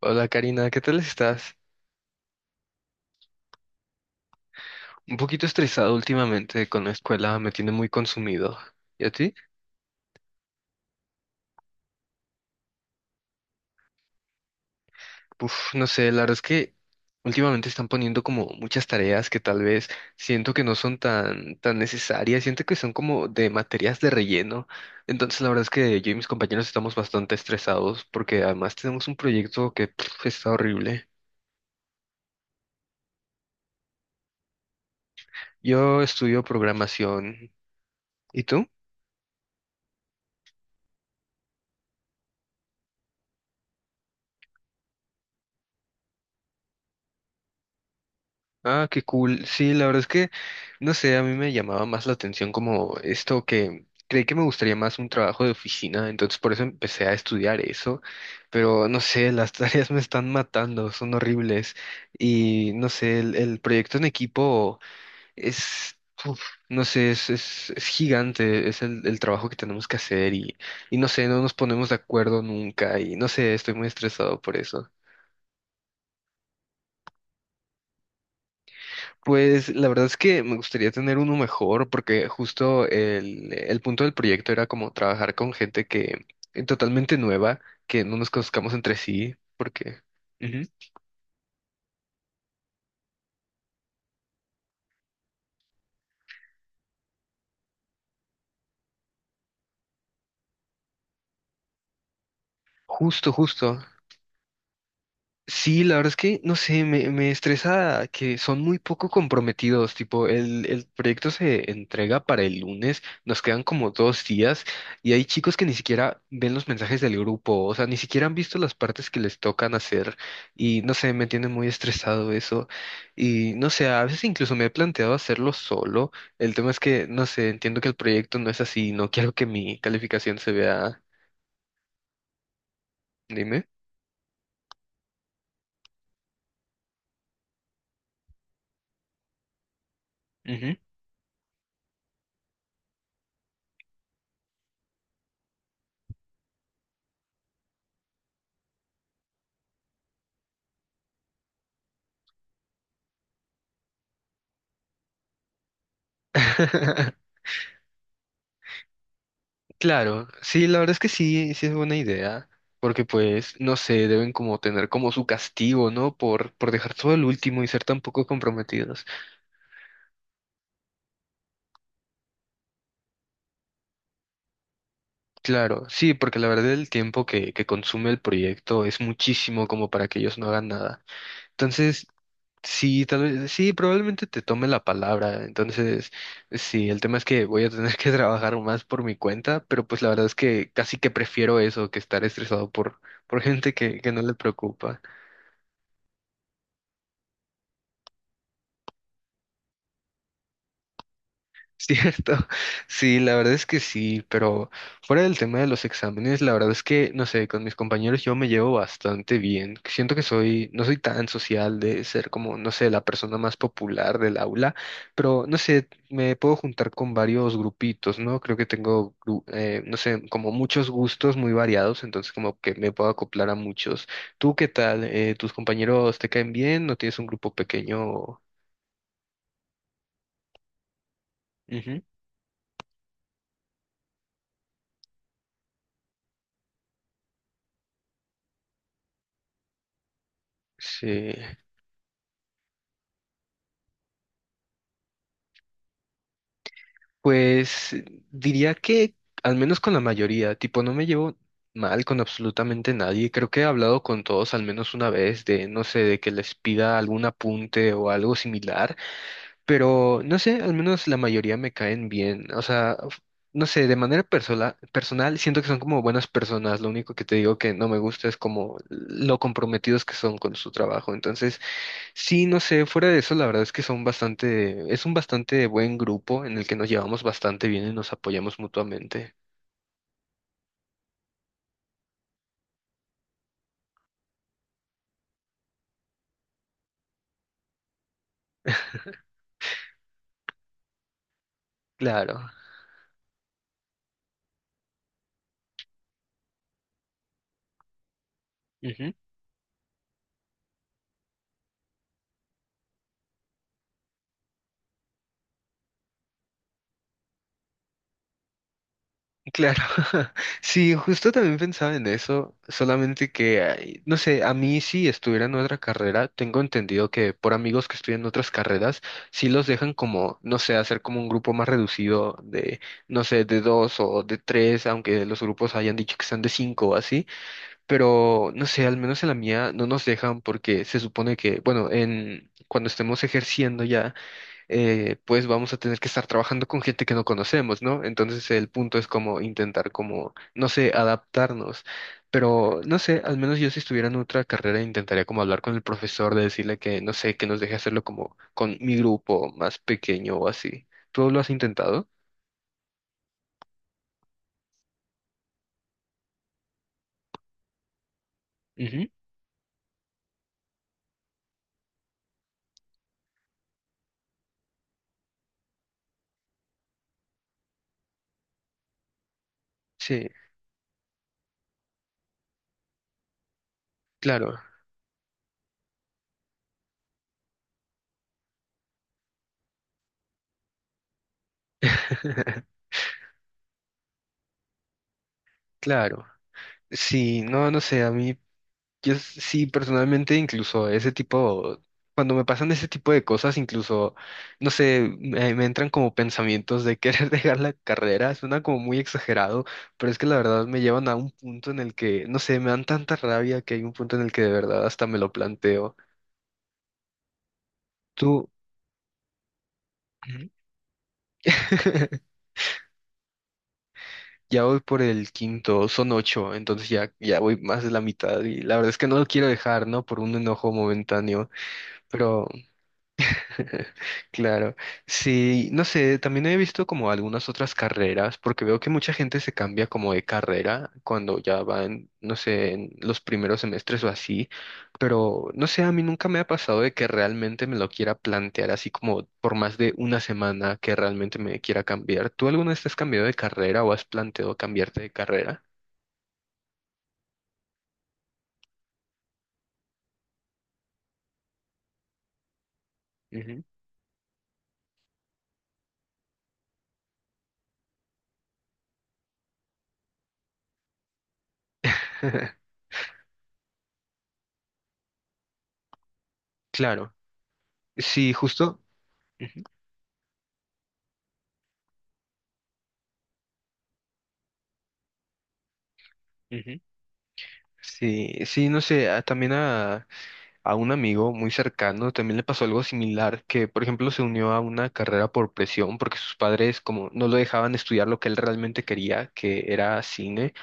Hola Karina, ¿qué tal estás? Un poquito estresado últimamente con la escuela, me tiene muy consumido. ¿Y a ti? Uf, no sé, la verdad es que últimamente están poniendo como muchas tareas que tal vez siento que no son tan necesarias, siento que son como de materias de relleno. Entonces la verdad es que yo y mis compañeros estamos bastante estresados porque además tenemos un proyecto que pf, está horrible. Yo estudio programación. ¿Y tú? Ah, qué cool. Sí, la verdad es que, no sé, a mí me llamaba más la atención como esto que creí que me gustaría más un trabajo de oficina, entonces por eso empecé a estudiar eso, pero no sé, las tareas me están matando, son horribles y no sé, el proyecto en equipo es, uf, no sé, es, es gigante, es el trabajo que tenemos que hacer y no sé, no nos ponemos de acuerdo nunca y no sé, estoy muy estresado por eso. Pues la verdad es que me gustaría tener uno mejor porque justo el punto del proyecto era como trabajar con gente que totalmente nueva, que no nos conozcamos entre sí, porque... Ujú. Justo, justo. Sí, la verdad es que, no sé, me estresa que son muy poco comprometidos, tipo, el proyecto se entrega para el lunes, nos quedan como dos días y hay chicos que ni siquiera ven los mensajes del grupo, o sea, ni siquiera han visto las partes que les tocan hacer y, no sé, me tiene muy estresado eso y, no sé, a veces incluso me he planteado hacerlo solo, el tema es que, no sé, entiendo que el proyecto no es así, no quiero que mi calificación se vea... Dime. Ujú. Claro, sí, la verdad es que sí, sí es buena idea, porque pues, no sé, deben como tener como su castigo, ¿no? Por dejar todo el último y ser tan poco comprometidos. Claro, sí, porque la verdad el tiempo que consume el proyecto es muchísimo como para que ellos no hagan nada. Entonces, sí, tal vez, sí, probablemente te tome la palabra. Entonces, sí, el tema es que voy a tener que trabajar más por mi cuenta, pero pues la verdad es que casi que prefiero eso que estar estresado por gente que no le preocupa. Cierto, sí, la verdad es que sí, pero fuera del tema de los exámenes, la verdad es que, no sé, con mis compañeros yo me llevo bastante bien. Siento que soy, no soy tan social de ser como, no sé, la persona más popular del aula, pero no sé, me puedo juntar con varios grupitos, ¿no? Creo que tengo, gru- no sé, como muchos gustos muy variados, entonces como que me puedo acoplar a muchos. ¿Tú qué tal? ¿Tus compañeros te caen bien? ¿No tienes un grupo pequeño? Ujú. Sí. Pues diría que al menos con la mayoría, tipo, no me llevo mal con absolutamente nadie. Creo que he hablado con todos al menos una vez de, no sé, de que les pida algún apunte o algo similar, pero no sé, al menos la mayoría me caen bien. O sea, f- no sé, de manera personal, personal siento que son como buenas personas. Lo único que te digo que no me gusta es como lo comprometidos que son con su trabajo. Entonces, sí, no sé, fuera de eso, la verdad es que son bastante, es un bastante buen grupo en el que nos llevamos bastante bien y nos apoyamos mutuamente. Claro. Ujú. Claro. Sí, justo también pensaba en eso, solamente que, ay, no sé, a mí si estuviera en otra carrera, tengo entendido que por amigos que estudian otras carreras, sí los dejan como, no sé, hacer como un grupo más reducido de, no sé, de dos o de tres, aunque los grupos hayan dicho que sean de cinco o así. Pero no sé, al menos en la mía no nos dejan porque se supone que, bueno, en cuando estemos ejerciendo ya, pues vamos a tener que estar trabajando con gente que no conocemos, ¿no? Entonces el punto es como intentar como, no sé, adaptarnos. Pero no sé, al menos yo si estuviera en otra carrera intentaría como hablar con el profesor de decirle que, no sé, que nos deje hacerlo como con mi grupo más pequeño o así. ¿Tú lo has intentado? Ujú. Sí, claro, claro. Sí, no, no sé, a mí... Sí, personalmente, incluso ese tipo, cuando me pasan ese tipo de cosas, incluso, no sé, me entran como pensamientos de querer dejar la carrera, suena como muy exagerado, pero es que la verdad me llevan a un punto en el que, no sé, me dan tanta rabia que hay un punto en el que de verdad hasta me lo planteo. Tú... Ujú. Ya voy por el quinto, son ocho, entonces ya, ya voy más de la mitad y la verdad es que no lo quiero dejar, ¿no? Por un enojo momentáneo, pero... Claro, sí, no sé, también he visto como algunas otras carreras, porque veo que mucha gente se cambia como de carrera cuando ya van, no sé, en los primeros semestres o así, pero no sé, a mí nunca me ha pasado de que realmente me lo quiera plantear así como por más de una semana que realmente me quiera cambiar. ¿Tú alguna vez te has cambiado de carrera o has planteado cambiarte de carrera? Ujú. Claro, sí, justo. Ujú, ujú. Sí, sí, no sé, ah, también a un amigo muy cercano también le pasó algo similar, que por ejemplo se unió a una carrera por presión porque sus padres como no lo dejaban estudiar lo que él realmente quería, que era cine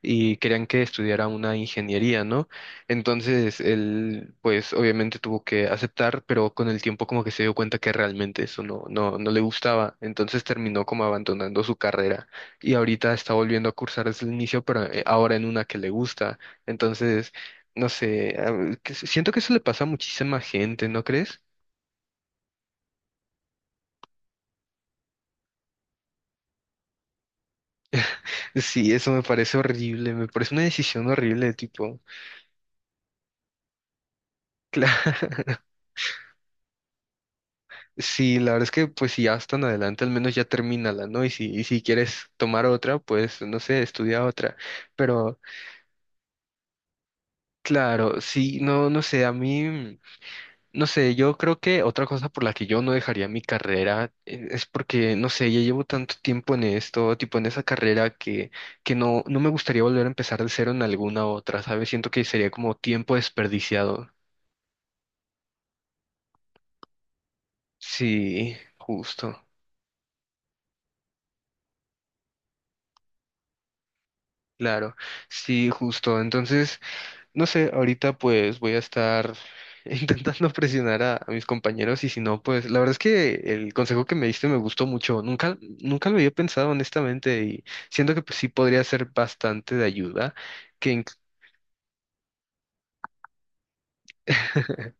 y querían que estudiara una ingeniería, ¿no? Entonces él, pues obviamente tuvo que aceptar, pero con el tiempo como que se dio cuenta que realmente eso no le gustaba, entonces terminó como abandonando su carrera y ahorita está volviendo a cursar desde el inicio, pero ahora en una que le gusta, entonces... No sé, siento que eso le pasa a muchísima gente, ¿no crees? Sí, eso me parece horrible, me parece una decisión horrible, tipo... Claro. Sí, la verdad es que pues si ya vas tan adelante, al menos ya termínala, ¿no? Y si quieres tomar otra, pues no sé, estudia otra. Pero claro, sí, no, no sé, a mí, no sé, yo creo que otra cosa por la que yo no dejaría mi carrera es porque, no sé, ya llevo tanto tiempo en esto, tipo en esa carrera que no, no me gustaría volver a empezar de cero en alguna otra, ¿sabes? Siento que sería como tiempo desperdiciado. Sí, justo. Claro, sí, justo. Entonces, no sé, ahorita pues voy a estar intentando presionar a mis compañeros y si no, pues la verdad es que el consejo que me diste me gustó mucho. Nunca, nunca lo había pensado honestamente y siento que pues, sí podría ser bastante de ayuda, que inc-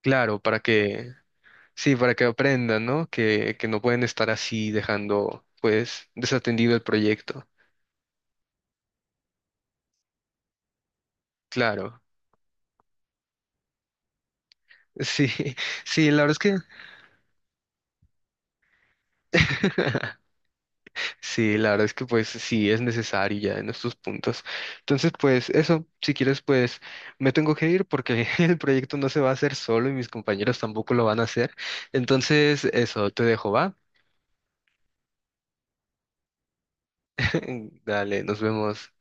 claro, para que, sí, para que aprendan, ¿no? Que no pueden estar así dejando pues desatendido el proyecto. Claro, sí, sí, la verdad es que... Sí, la verdad es que pues sí es necesario ya en estos puntos. Entonces, pues eso, si quieres, pues me tengo que ir porque el proyecto no se va a hacer solo y mis compañeros tampoco lo van a hacer. Entonces, eso, te dejo, ¿va? Dale, nos vemos.